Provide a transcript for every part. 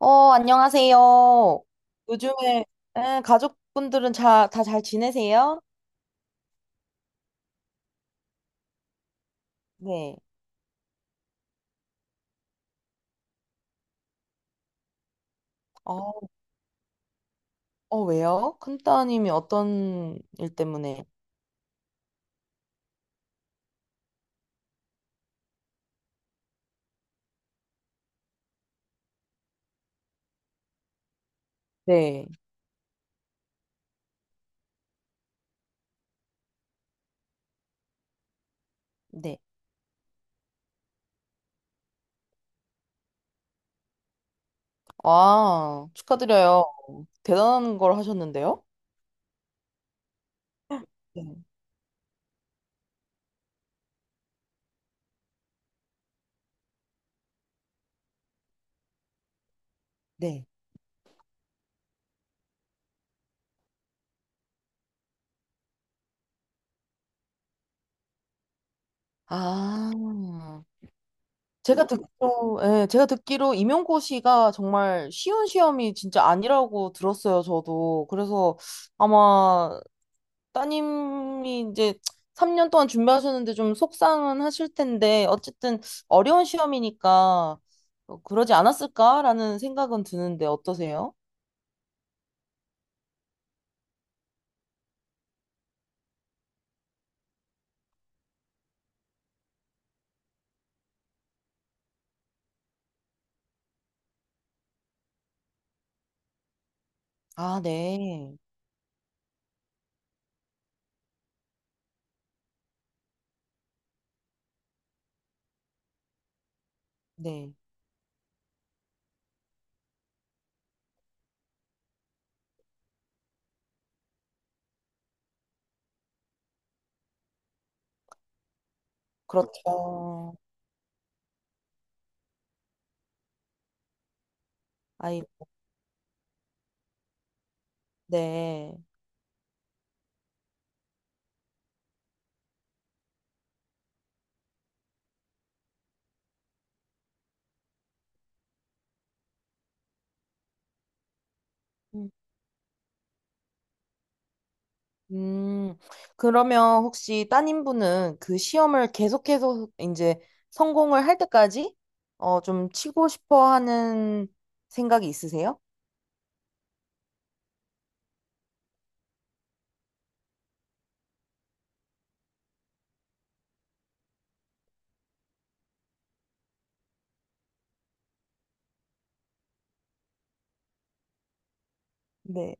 안녕하세요. 요즘에 가족분들은 다 잘 지내세요? 네. 어, 왜요? 큰따님이 어떤 일 때문에? 네. 네. 아, 축하드려요. 대단한 걸 하셨는데요? 네. 네. 아, 제가 듣기로, 예, 제가 듣기로 임용고시가 정말 쉬운 시험이 진짜 아니라고 들었어요, 저도. 그래서 아마 따님이 이제 3년 동안 준비하셨는데 좀 속상은 하실 텐데, 어쨌든 어려운 시험이니까 그러지 않았을까라는 생각은 드는데 어떠세요? 아, 네. 네. 그렇죠. 아이, 네. 음, 그러면 혹시 따님분은 그 시험을 계속해서 이제 성공을 할 때까지 좀 치고 싶어 하는 생각이 있으세요? 네.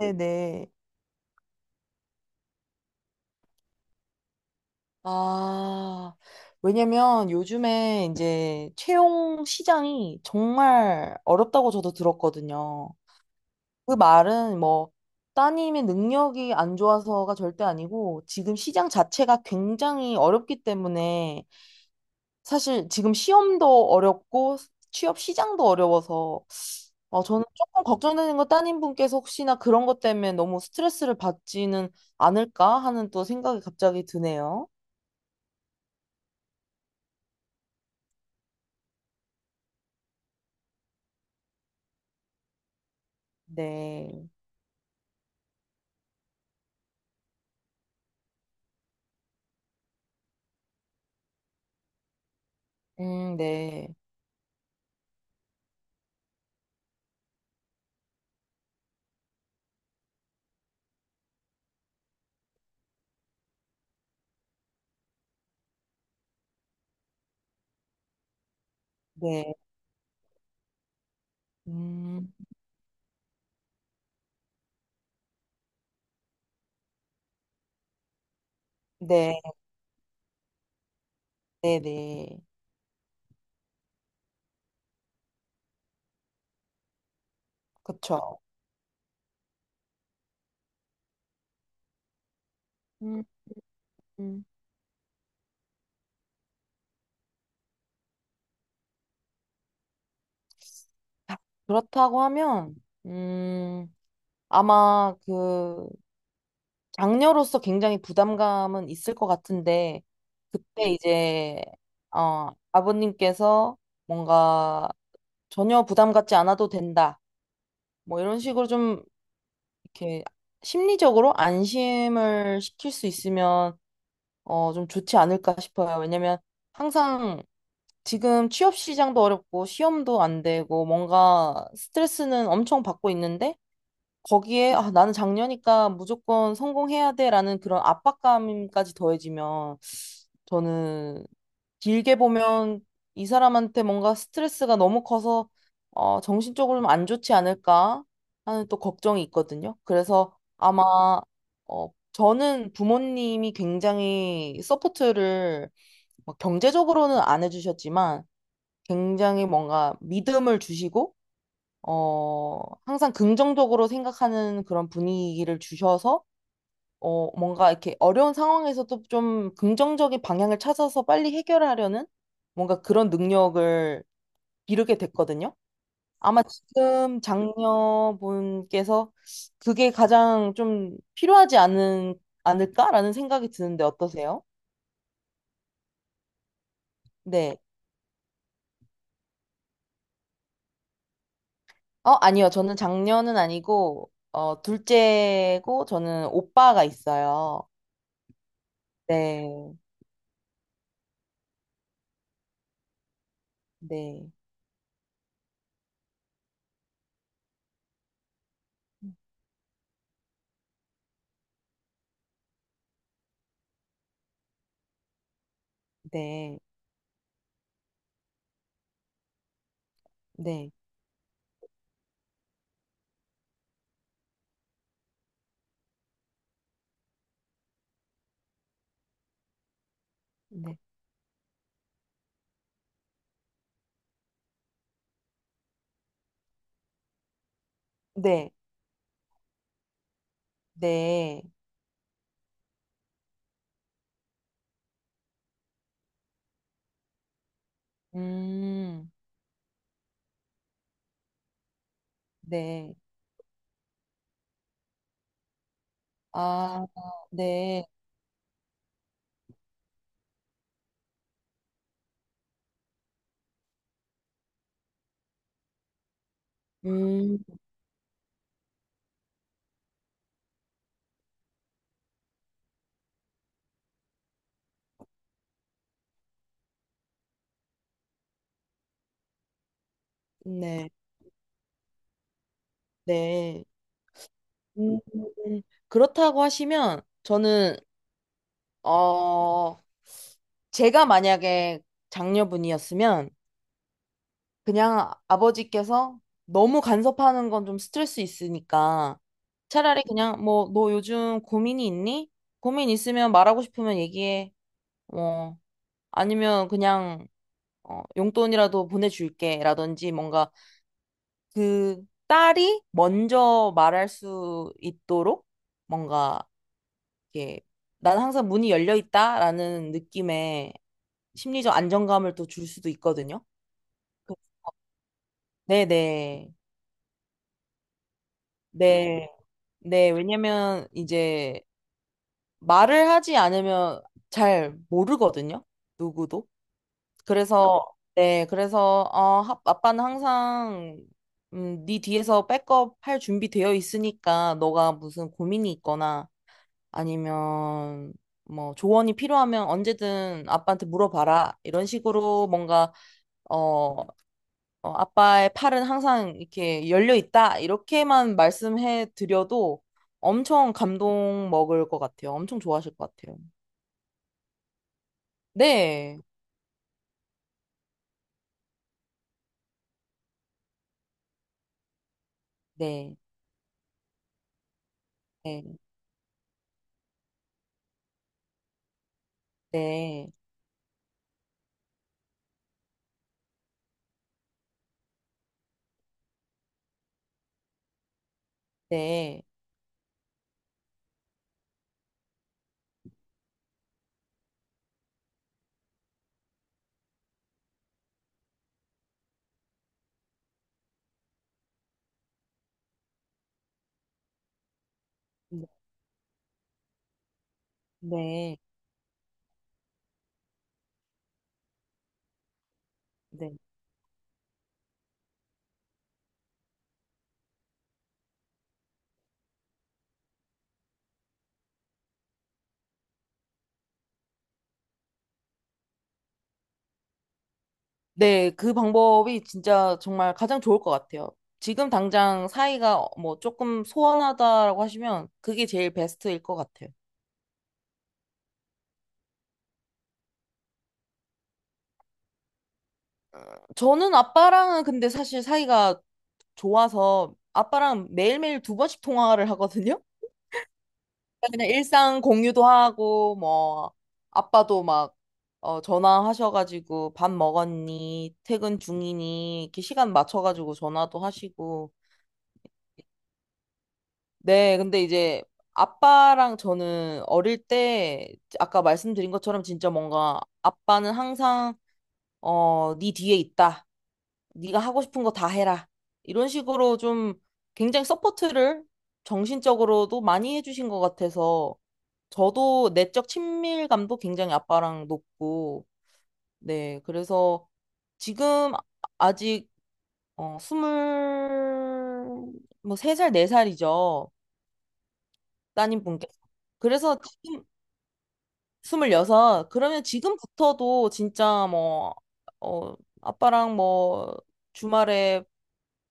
네네. 아, 왜냐면 요즘에 이제 채용 시장이 정말 어렵다고 저도 들었거든요. 그 말은 뭐 따님의 능력이 안 좋아서가 절대 아니고 지금 시장 자체가 굉장히 어렵기 때문에 사실 지금 시험도 어렵고 취업 시장도 어려워서 저는 조금 걱정되는 건 따님분께서 혹시나 그런 것 때문에 너무 스트레스를 받지는 않을까 하는 또 생각이 갑자기 드네요. 네. 네. 네. 음, 네. 네, 네. 그쵸. 음, 음. 아, 그렇다고 하면, 음, 아마 그 장녀로서 굉장히 부담감은 있을 것 같은데, 그때 이제, 아버님께서 뭔가 전혀 부담 갖지 않아도 된다. 뭐 이런 식으로 좀 이렇게 심리적으로 안심을 시킬 수 있으면, 좀 좋지 않을까 싶어요. 왜냐면 항상 지금 취업 시장도 어렵고 시험도 안 되고 뭔가 스트레스는 엄청 받고 있는데 거기에 아, 나는 장녀니까 무조건 성공해야 돼라는 그런 압박감까지 더해지면 저는 길게 보면 이 사람한테 뭔가 스트레스가 너무 커서 정신적으로 는안 좋지 않을까 하는 또 걱정이 있거든요. 그래서 아마 저는 부모님이 굉장히 서포트를 막 경제적으로는 안 해주셨지만 굉장히 뭔가 믿음을 주시고, 어, 항상 긍정적으로 생각하는 그런 분위기를 주셔서, 뭔가 이렇게 어려운 상황에서도 좀 긍정적인 방향을 찾아서 빨리 해결하려는 뭔가 그런 능력을 기르게 됐거든요. 아마 지금 장녀분께서 그게 가장 좀 필요하지 않은, 않을까라는 생각이 드는데 어떠세요? 네. 아니요. 저는 장녀는 아니고, 둘째고, 저는 오빠가 있어요. 네, 네, 네, 네, 네, 네, 네, 음, 네, 아, 네, 음, 네, 네. 음, 그렇다고 하시면, 저는, 어, 제가 만약에 장녀분이었으면, 그냥 아버지께서 너무 간섭하는 건 좀 스트레스 있으니까 차라리 그냥 뭐 너 요즘 고민이 있니? 고민 있으면 말하고 싶으면 얘기해. 뭐 아니면 그냥 용돈이라도 보내줄게 라든지 뭔가 그 딸이 먼저 말할 수 있도록 뭔가 이렇게 난 항상 문이 열려 있다라는 느낌의 심리적 안정감을 또 줄 수도 있거든요. 그- 네네. 네. 네. 네, 왜냐면 이제 말을 하지 않으면 잘 모르거든요. 누구도. 그래서 네, 그래서 아빠는 항상 네 뒤에서 백업 할 준비 되어 있으니까 너가 무슨 고민이 있거나 아니면 뭐 조언이 필요하면 언제든 아빠한테 물어봐라. 이런 식으로 뭔가 어, 아빠의 팔은 항상 이렇게 열려 있다. 이렇게만 말씀해 드려도 엄청 감동 먹을 것 같아요. 엄청 좋아하실 것 같아요. 네, 네, 네, 네, 네, 네, 네. 네, 네. 그 방법이 진짜 정말 가장 좋을 것 같아요. 지금 당장 사이가 뭐 조금 소원하다라고 하시면 그게 제일 베스트일 것 같아요. 저는 아빠랑은 근데 사실 사이가 좋아서 아빠랑 매일매일 두 번씩 통화를 하거든요. 그냥 일상 공유도 하고 뭐 아빠도 막 전화하셔가지고 밥 먹었니 퇴근 중이니 이렇게 시간 맞춰가지고 전화도 하시고. 네, 근데 이제 아빠랑 저는 어릴 때 아까 말씀드린 것처럼 진짜 뭔가 아빠는 항상 네 뒤에 있다. 네가 하고 싶은 거 다 해라. 이런 식으로 좀 굉장히 서포트를 정신적으로도 많이 해주신 것 같아서 저도 내적 친밀감도 굉장히 아빠랑 높고, 네. 그래서 지금 아직 스물, 뭐, 세 살, 네 살이죠. 따님분께서. 그래서 지금, 26. 그러면 지금부터도 진짜 뭐, 어, 아빠랑 뭐, 주말에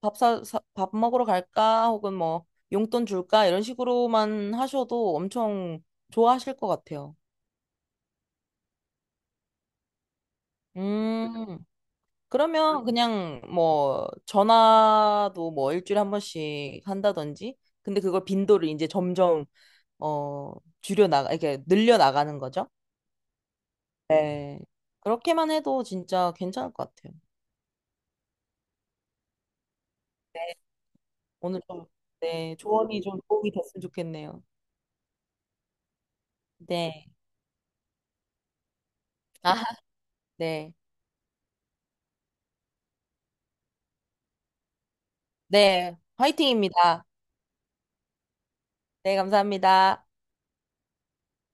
밥 먹으러 갈까? 혹은 뭐, 용돈 줄까? 이런 식으로만 하셔도 엄청 좋아하실 것 같아요. 음, 그러면 그냥 뭐, 전화도 뭐, 일주일에 한 번씩 한다든지. 근데 그걸 빈도를 이제 점점, 어, 줄여나가, 이렇게 늘려나가는 거죠. 네. 그렇게만 해도 진짜 괜찮을 것 같아요. 오늘 좀, 네, 조언이 좀 도움이 됐으면 좋겠네요. 네. 아, 네. 네. 화이팅입니다. 네, 감사합니다.